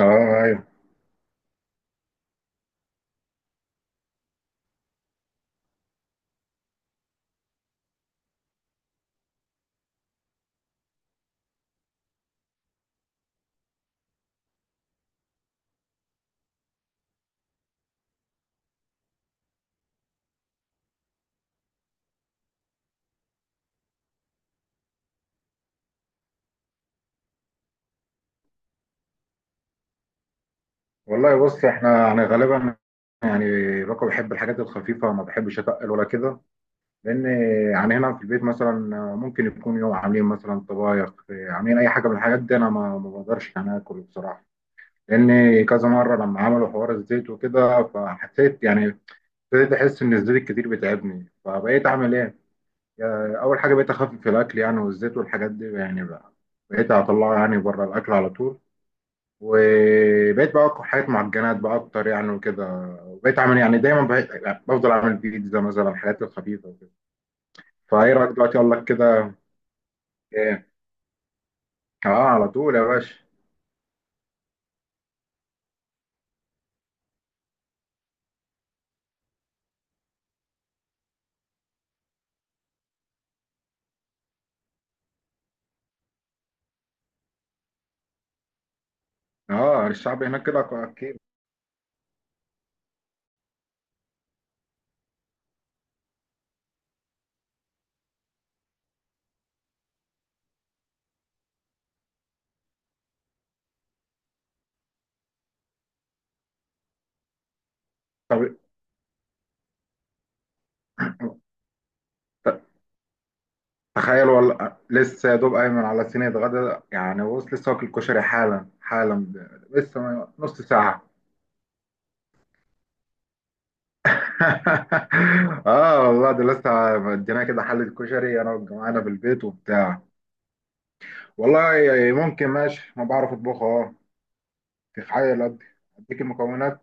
اه ايوه. والله بص احنا يعني غالبا، يعني باكو بحب الحاجات الخفيفه، ما بحبش اتقل ولا كده، لان يعني هنا في البيت مثلا ممكن يكون يوم عاملين مثلا طبايخ، عاملين اي حاجه من الحاجات دي، انا ما بقدرش يعني اكل بصراحه، لان كذا مره لما عملوا حوار الزيت وكده فحسيت يعني، ابتديت احس ان الزيت الكتير بتعبني، فبقيت اعمل ايه؟ اول حاجه بقيت اخفف الاكل يعني، والزيت والحاجات دي يعني، بقى بقيت اطلعه يعني بره الاكل على طول، وبقيت بقى أطبخ حاجات معجنات بقى أكتر يعني وكده، وبقيت أعمل يعني دايما، بقيت يعني بفضل أعمل بيتزا مثلا، الحاجات الخفيفة وكده. فإيه رأيك دلوقتي أقول لك كده؟ إيه، أه على طول يا باشا. أه الشعب هناك كده أكيد. طب ت- تخيل والله، لسه يا دوب أيمن على صينية غدا، يعني بص لسه واكل كشري حالا حالا، لسه نص ساعة. اه والله ده لسه مدينا كده حلة كشري، انا وجماعه في البيت وبتاع. والله يعني ممكن ماشي، ما بعرف اطبخ اه. تخيل ادي، اديك المكونات.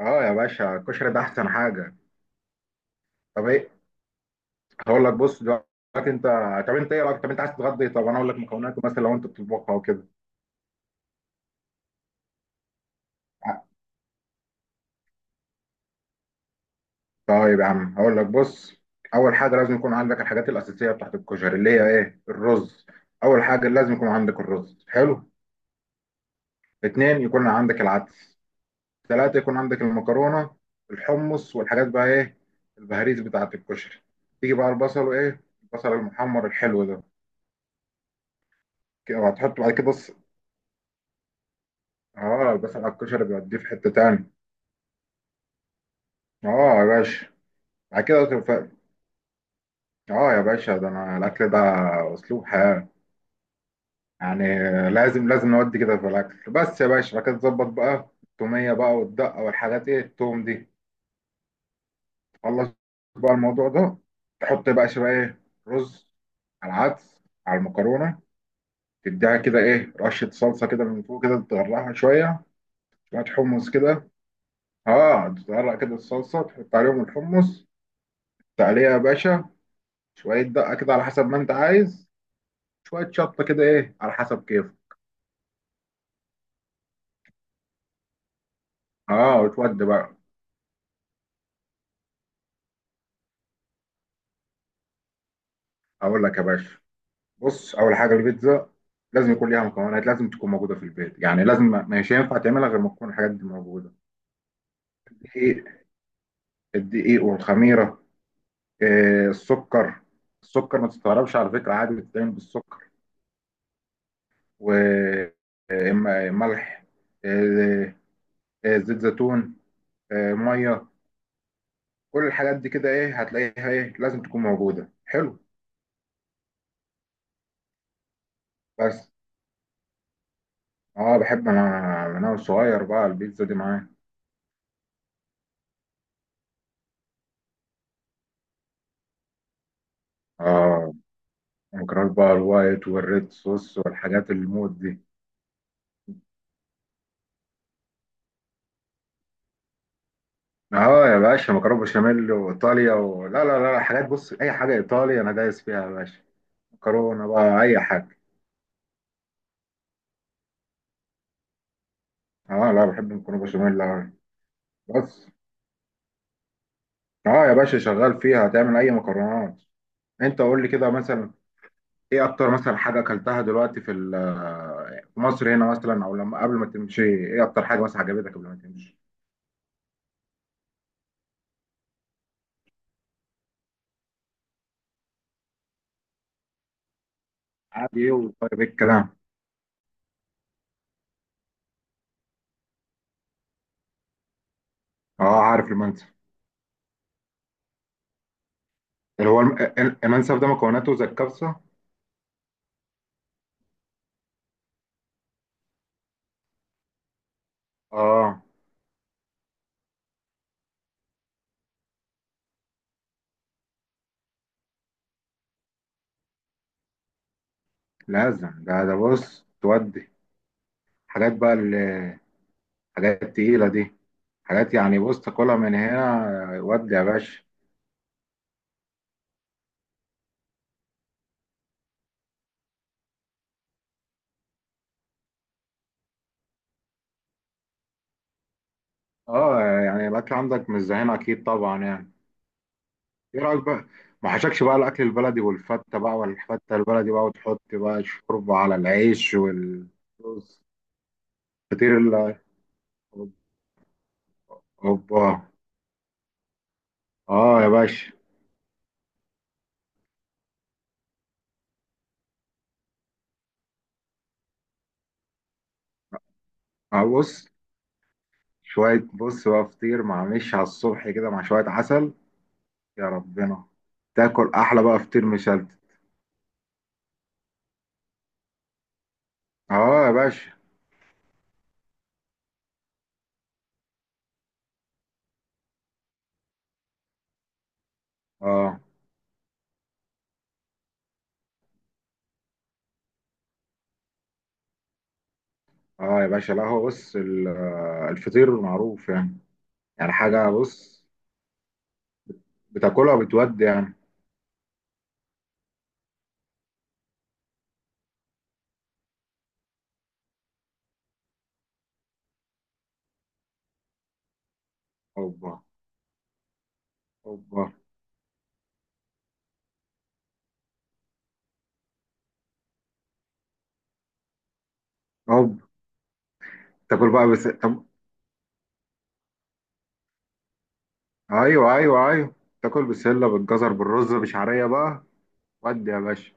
اه يا باشا الكشري ده احسن حاجه. طب ايه، هقول لك بص دلوقتي. انت طب، انت ايه رايك؟ طب انت عايز تتغدى إيه؟ طب انا اقول لك مكوناته مثلا لو انت بتطبخها وكده. آه، طيب يا عم هقول لك بص. اول حاجه لازم يكون عندك الحاجات الاساسيه بتاعت الكشري، اللي هي ايه؟ الرز. اول حاجه لازم يكون عندك الرز، حلو. اتنين يكون عندك العدس. ثلاثة يكون عندك المكرونة. الحمص والحاجات بقى، ايه البهاريز بتاعة الكشري. تيجي بقى البصل، وايه البصل المحمر الحلو ده. كده وهتحط بعد كده بص، اه البصل على الكشري بيوديه في حتة تاني. اه يا باشا بعد كده تف... اه يا باشا ده انا الاكل ده اسلوب حياة، يعني لازم لازم نودي كده في الاكل. بس يا باشا بعد كده تظبط بقى التومية بقى والدقة والحاجات، ايه التوم دي. خلص بقى الموضوع ده. تحط بقى شوية ايه، رز، على العدس، على المكرونة، تديها كده ايه رشه صلصه كده من فوق كده، تغرقها شويه، شويه حمص كده. اه تغرق كده الصلصه، تحط عليهم الحمص، تعليها يا باشا، شويه دقه كده على حسب ما انت عايز، شويه شطه كده ايه على حسب كيفك. اه وتودي بقى. اقول لك يا باشا بص، اول حاجه البيتزا لازم يكون ليها مكونات، لازم تكون موجوده في البيت، يعني لازم، مش هينفع تعملها غير ما تكون الحاجات دي موجوده. الدقيق، والخميره، آه السكر. السكر ما تستغربش على فكره، عادي بتتعمل بالسكر، وملح، زيت زيتون، آه، ميه. كل الحاجات دي كده ايه هتلاقيها، ايه لازم تكون موجوده، حلو. بس اه بحب انا من انا صغير بقى البيتزا دي معايا. اه مكرونه بقى، الوايت والريد صوص والحاجات الموت دي. اه يا باشا مكرونه بشاميل وايطاليا و... لا لا لا لا، حاجات بص، اي حاجه ايطاليا انا دايس فيها يا باشا. مكرونه بقى اي حاجه. اه لا بحب المكرونه بشاميل أوي. بس اه يا باشا شغال فيها، هتعمل اي مكرونات؟ انت قول لي كده مثلا، ايه اكتر مثلا حاجه اكلتها دلوقتي في في مصر هنا مثلا، او لما قبل ما تمشي، ايه اكتر حاجه مثلا عجبتك قبل ما تمشي؟ عادي ايه وطيب ايه الكلام. اه عارف المنسف، اللي هو المنسف ده مكوناته زي الكبسه. اه لازم ده ده بص تودي حاجات بقى حاجات تقيله دي، حاجات يعني بص تاكلها من هنا ودي يا باشا. اه يعني الاكل عندك مش زي هنا اكيد طبعا يعني. ايه رايك بقى ما حشكش بقى الاكل البلدي، والفته بقى والفته البلدي بقى، وتحط بقى الشوربه على العيش والرز. فطير ال، اوبا، اه يا باشا. آه بص، شويه بص بقى فطير مع مش على الصبح كده مع شويه عسل، يا ربنا. تاكل احلى بقى فطير مشلتت. اه يا باشا. اه، اه يا باشا، لا هو بص آه، الفطير معروف يعني، يعني حاجه بص بتاكلها بتودي يعني. اوبا. اوبا. اوبا. تاكل بقى بس. ايوه ايوه ايوه. تاكل بالسله بالجزر بالرز بشعريه بقى، ودي يا باشا.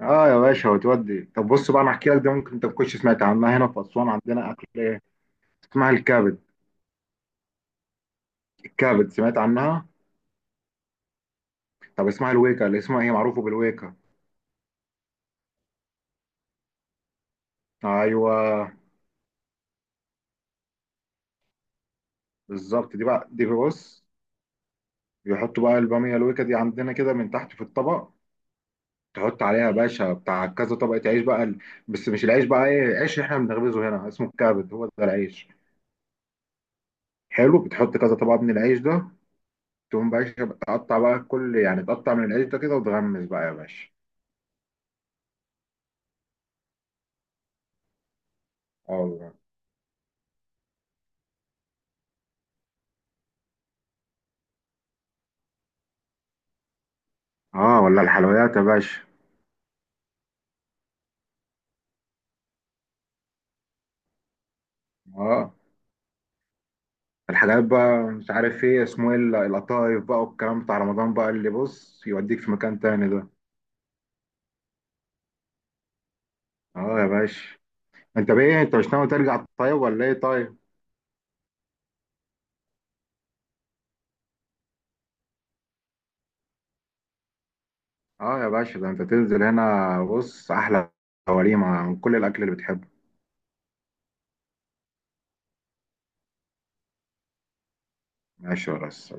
اه يا باشا وتودي. طب بص بقى انا احكي لك ده، ممكن انت ما كنتش سمعت عنها. هنا في اسوان عندنا اكل ايه، اسمها الكبد. الكبد سمعت عنها؟ طب اسمها الويكا، اللي اسمها هي معروفه بالويكا. ايوه بالظبط، دي بقى دي بص، بيحطوا بقى الباميه الويكا دي عندنا كده من تحت في الطبق، تحط عليها يا باشا بتاع كذا طبقه عيش بقى بس مش العيش بقى ايه، عيش احنا بنخبزه هنا اسمه الكبد، هو ده العيش، حلو. بتحط كذا طبقه من العيش ده، تقوم باشا بتقطع بقى كل يعني، تقطع من القشطة كده وتغمس بقى يا باشا. اه والله. آه، ولا الحلويات يا باشا. اه الحاجات بقى مش عارف ايه اسمه، ايه القطايف بقى والكلام بتاع رمضان بقى، اللي بص يوديك في مكان تاني ده. اه يا باشا انت بايه، انت مش ناوي ترجع طيب ولا ايه طيب؟ اه يا باشا ده انت تنزل هنا بص، احلى وليمة من كل الاكل اللي بتحبه. ماشي يا ريس.